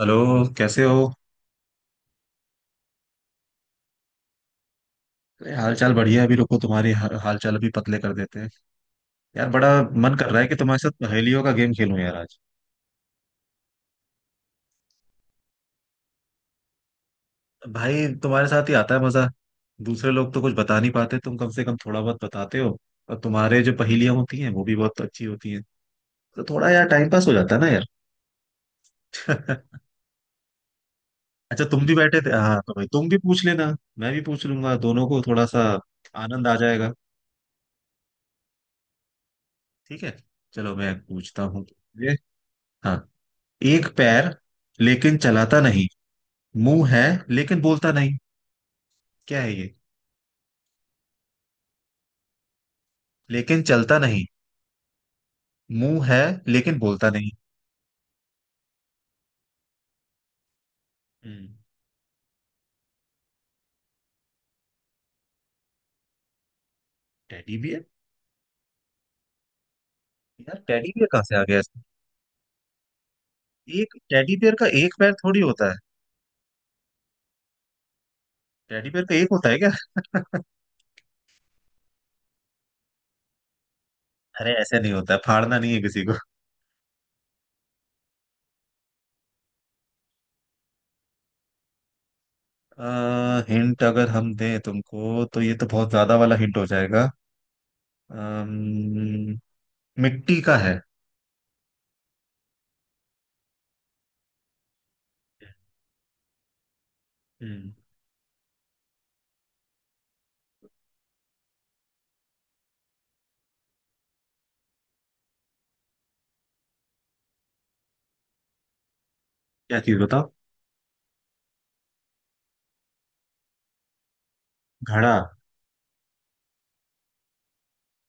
Hello. कैसे हो? अरे, हाल चाल बढ़िया है। अभी रुको, तुम्हारी हाल चाल अभी पतले कर देते हैं। यार, बड़ा मन कर रहा है कि तुम्हारे साथ पहेलियों का गेम खेलूं यार आज। भाई, तुम्हारे साथ ही आता है मजा। दूसरे लोग तो कुछ बता नहीं पाते, तुम कम से कम थोड़ा बहुत बताते हो। और तुम्हारे जो पहेलियां होती हैं वो भी बहुत अच्छी होती हैं। तो थोड़ा यार टाइम पास हो जाता है ना यार। अच्छा, तुम भी बैठे थे। हाँ हाँ, तो भाई तुम भी पूछ लेना। मैं भी पूछ लूंगा दोनों को थोड़ा सा। आनंद आ जाएगा। ठीक है, चलो मैं पूछता हूँ। ये। हाँ। एक पैर लेकिन चलाता नहीं, मुंह है लेकिन बोलता नहीं, क्या है ये? लेकिन चलता नहीं, मुंह है लेकिन बोलता नहीं। हम्म। Teddy bear. यार, टेडी बियर कहाँ से आ गया इसमें? एक टेडी बियर का एक पैर थोड़ी होता है। टेडी बियर का एक होता है क्या? अरे, ऐसे नहीं होता है, फाड़ना नहीं है किसी को। हिंट अगर हम दें तुमको तो ये तो बहुत ज्यादा वाला हिंट हो जाएगा। अम्म, मिट्टी का है। हम्म। क्या चीज बताओ? घड़ा।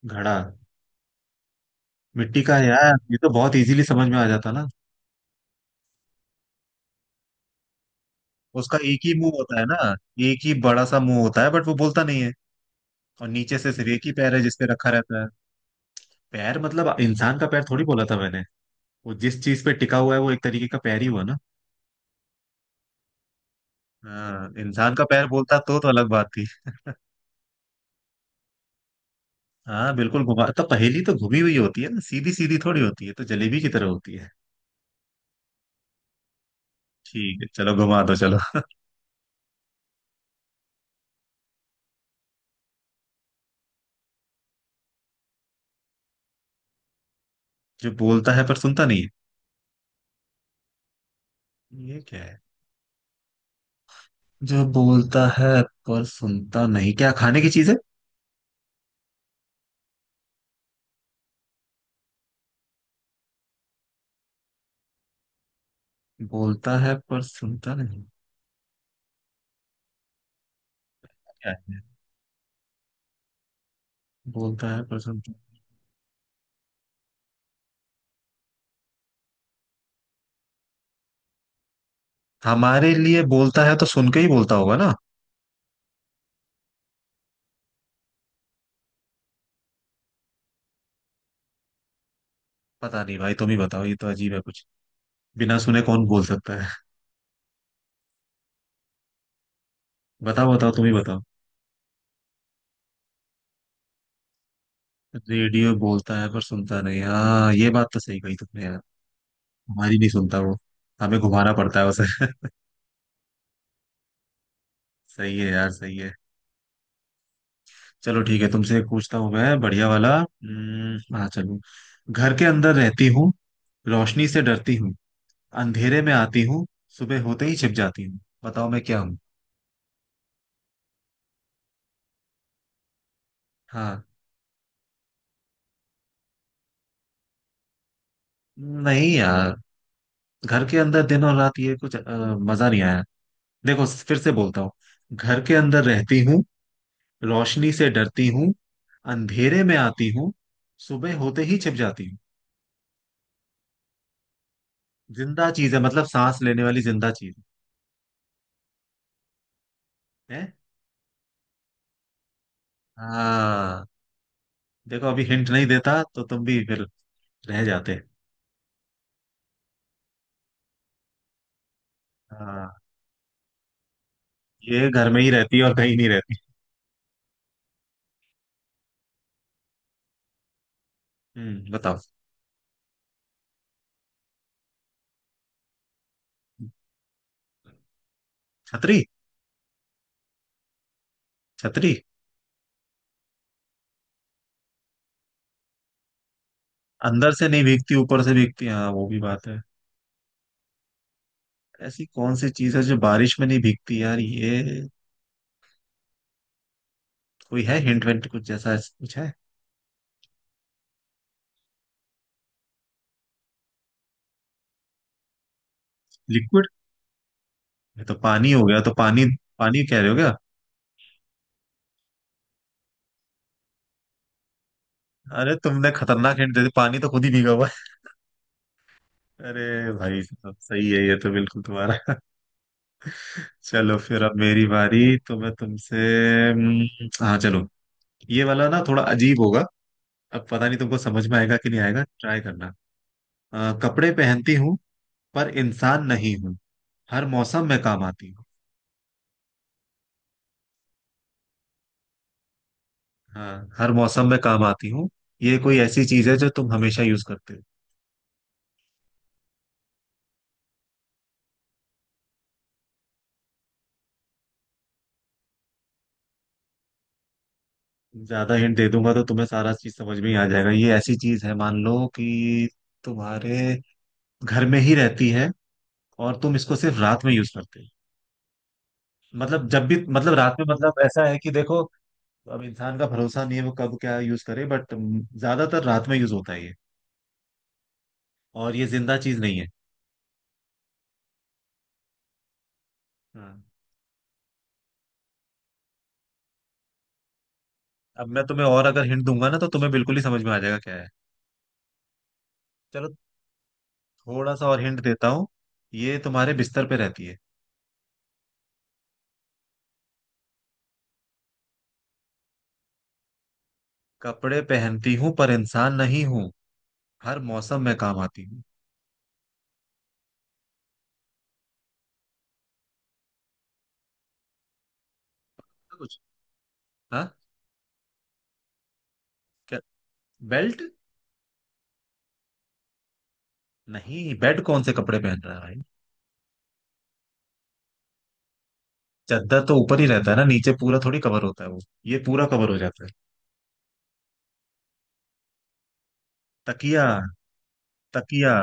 घड़ा। मिट्टी का है यार, ये तो बहुत इजीली समझ में आ जाता ना। उसका एक ही मुंह होता है ना, एक ही बड़ा सा मुंह होता है बट वो बोलता नहीं है, और नीचे से सिर्फ एक ही पैर है जिसपे रखा रहता है। पैर मतलब इंसान का पैर थोड़ी बोला था मैंने। वो जिस चीज पे टिका हुआ है वो एक तरीके का पैर ही हुआ ना। हाँ, इंसान का पैर बोलता तो अलग बात थी। हाँ बिल्कुल घुमा, तो पहेली तो घुमी हुई होती है ना, सीधी सीधी थोड़ी होती है, तो जलेबी की तरह होती है। ठीक है, चलो घुमा दो चलो। जो बोलता है पर सुनता नहीं है, ये क्या है? जो बोलता है पर सुनता नहीं, क्या खाने की चीज है? बोलता है पर सुनता नहीं, क्या है? बोलता है पर सुनता। हमारे लिए बोलता है तो सुन के ही बोलता होगा ना। पता नहीं भाई, तुम ही बताओ, ये तो अजीब है कुछ। बिना सुने कौन बोल सकता है? बताओ बताओ तुम ही बताओ। रेडियो बोलता है पर सुनता नहीं, हाँ ये बात तो सही कही तुमने यार। हमारी नहीं सुनता वो, हमें घुमाना पड़ता है उसे। सही है यार, सही है। चलो ठीक है, तुमसे एक पूछता हूँ मैं बढ़िया वाला। हाँ चलो। घर के अंदर रहती हूँ, रोशनी से डरती हूँ, अंधेरे में आती हूँ, सुबह होते ही छिप जाती हूँ, बताओ मैं क्या हूँ? हाँ। नहीं यार, घर के अंदर दिन और रात ये कुछ मजा नहीं आया। देखो फिर से बोलता हूँ। घर के अंदर रहती हूँ, रोशनी से डरती हूँ, अंधेरे में आती हूँ, सुबह होते ही छिप जाती हूँ। जिंदा चीज है, मतलब सांस लेने वाली जिंदा चीज है। हाँ। देखो, अभी हिंट नहीं देता तो तुम भी फिर रह जाते। हाँ, ये घर में ही रहती है और कहीं नहीं रहती। हम्म, बताओ। छतरी। छतरी। अंदर से नहीं भीगती ऊपर से भीगती, हाँ वो भी बात है। ऐसी कौन सी चीज है जो बारिश में नहीं भीगती यार ये, कोई है हिंट विंट कुछ जैसा ऐसा कुछ है? लिक्विड? ये तो पानी हो गया, तो पानी, पानी कह रहे हो क्या? अरे, तुमने खतरनाक हिंट दे दी, पानी तो खुद ही भीगा हुआ है। अरे भाई साहब, सही है ये तो बिल्कुल तुम्हारा। चलो फिर, अब मेरी बारी तो मैं तुमसे। हाँ चलो। ये वाला ना थोड़ा अजीब होगा, अब पता नहीं तुमको समझ में आएगा कि नहीं आएगा, ट्राई करना। कपड़े पहनती हूँ पर इंसान नहीं हूँ, हर मौसम में काम आती हूँ। हाँ, हर मौसम में काम आती हूँ। ये कोई ऐसी चीज है जो तुम हमेशा यूज करते हो। ज्यादा हिंट दे दूंगा तो तुम्हें सारा चीज समझ में ही आ जाएगा। ये ऐसी चीज है, मान लो कि तुम्हारे घर में ही रहती है, और तुम इसको सिर्फ रात में यूज करते हो। मतलब जब भी, मतलब रात में, मतलब ऐसा है कि देखो, अब इंसान का भरोसा नहीं है वो कब क्या यूज करे, बट ज्यादातर रात में यूज होता है ये। और ये जिंदा चीज नहीं है। हाँ। अब मैं तुम्हें और अगर हिंट दूंगा ना तो तुम्हें बिल्कुल ही समझ में आ जाएगा क्या है। चलो थोड़ा सा और हिंट देता हूँ। ये तुम्हारे बिस्तर पे रहती है। कपड़े पहनती हूँ पर इंसान नहीं हूँ, हर मौसम में काम आती हूँ। कुछ। हाँ। क्या? बेल्ट? नहीं, बेड कौन से कपड़े पहन रहा है भाई। चादर तो ऊपर ही रहता है ना, नीचे पूरा थोड़ी कवर होता है वो, ये पूरा कवर हो जाता है। तकिया। तकिया।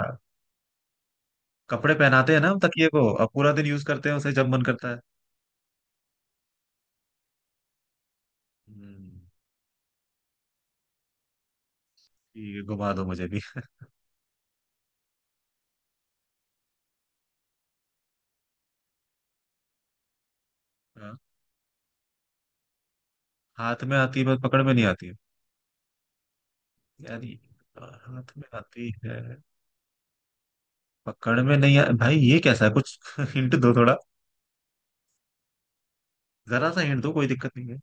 कपड़े पहनाते हैं ना हम तकिए को, अब पूरा दिन यूज करते हैं उसे जब मन करता है। हम्म, ठीक है घुमा दो मुझे भी। हाँ, हाथ में आती है बस पकड़ में नहीं आती है। यार ये हाथ में आती है, पकड़ में नहीं आ... भाई ये कैसा है कुछ। हिंट दो थोड़ा, जरा सा हिंट दो, कोई दिक्कत नहीं है।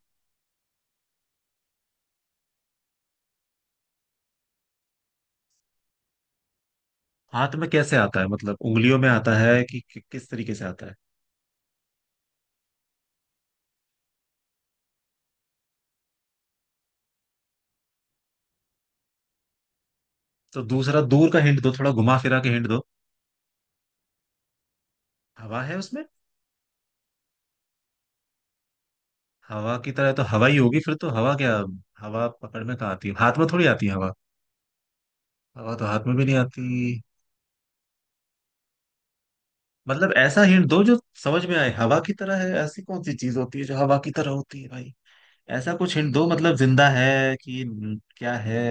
हाथ में कैसे आता है, मतलब उंगलियों में आता है किस तरीके से आता है? तो दूसरा दूर का हिंट दो, थोड़ा घुमा फिरा के हिंट दो। हवा है उसमें? हवा की तरह तो हवा ही होगी फिर, तो हवा क्या, हवा पकड़ में कहाँ आती है, हाथ में थोड़ी आती है हवा, हवा तो हाथ में भी नहीं आती। मतलब ऐसा हिंट दो जो समझ में आए, हवा की तरह है ऐसी कौन सी चीज होती है जो हवा की तरह होती है भाई? ऐसा कुछ हिंट दो, मतलब जिंदा है कि क्या है,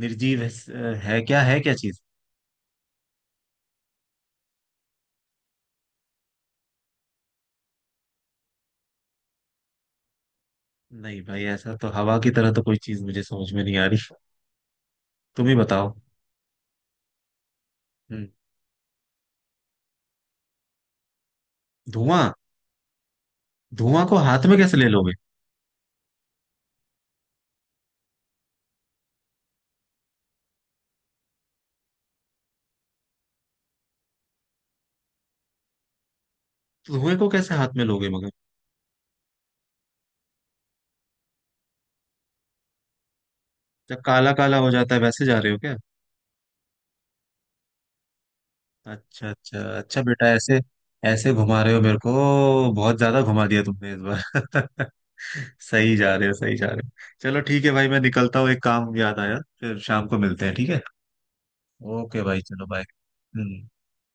निर्जीव है क्या चीज? नहीं भाई, ऐसा तो हवा की तरह तो कोई चीज मुझे समझ में नहीं आ रही, तुम ही बताओ। हम्म धुआं? धुआं को हाथ में कैसे ले लोगे? धुएं को कैसे हाथ में लोगे मगर? जब काला काला हो जाता है वैसे जा रहे हो क्या? अच्छा अच्छा अच्छा बेटा ऐसे, ऐसे घुमा रहे हो मेरे को, बहुत ज्यादा घुमा दिया तुमने इस बार। सही जा रहे हो, सही जा रहे हो। चलो ठीक है भाई, मैं निकलता हूँ, एक काम याद आया, फिर शाम को मिलते हैं ठीक है। ओके भाई चलो बाय। हम्म।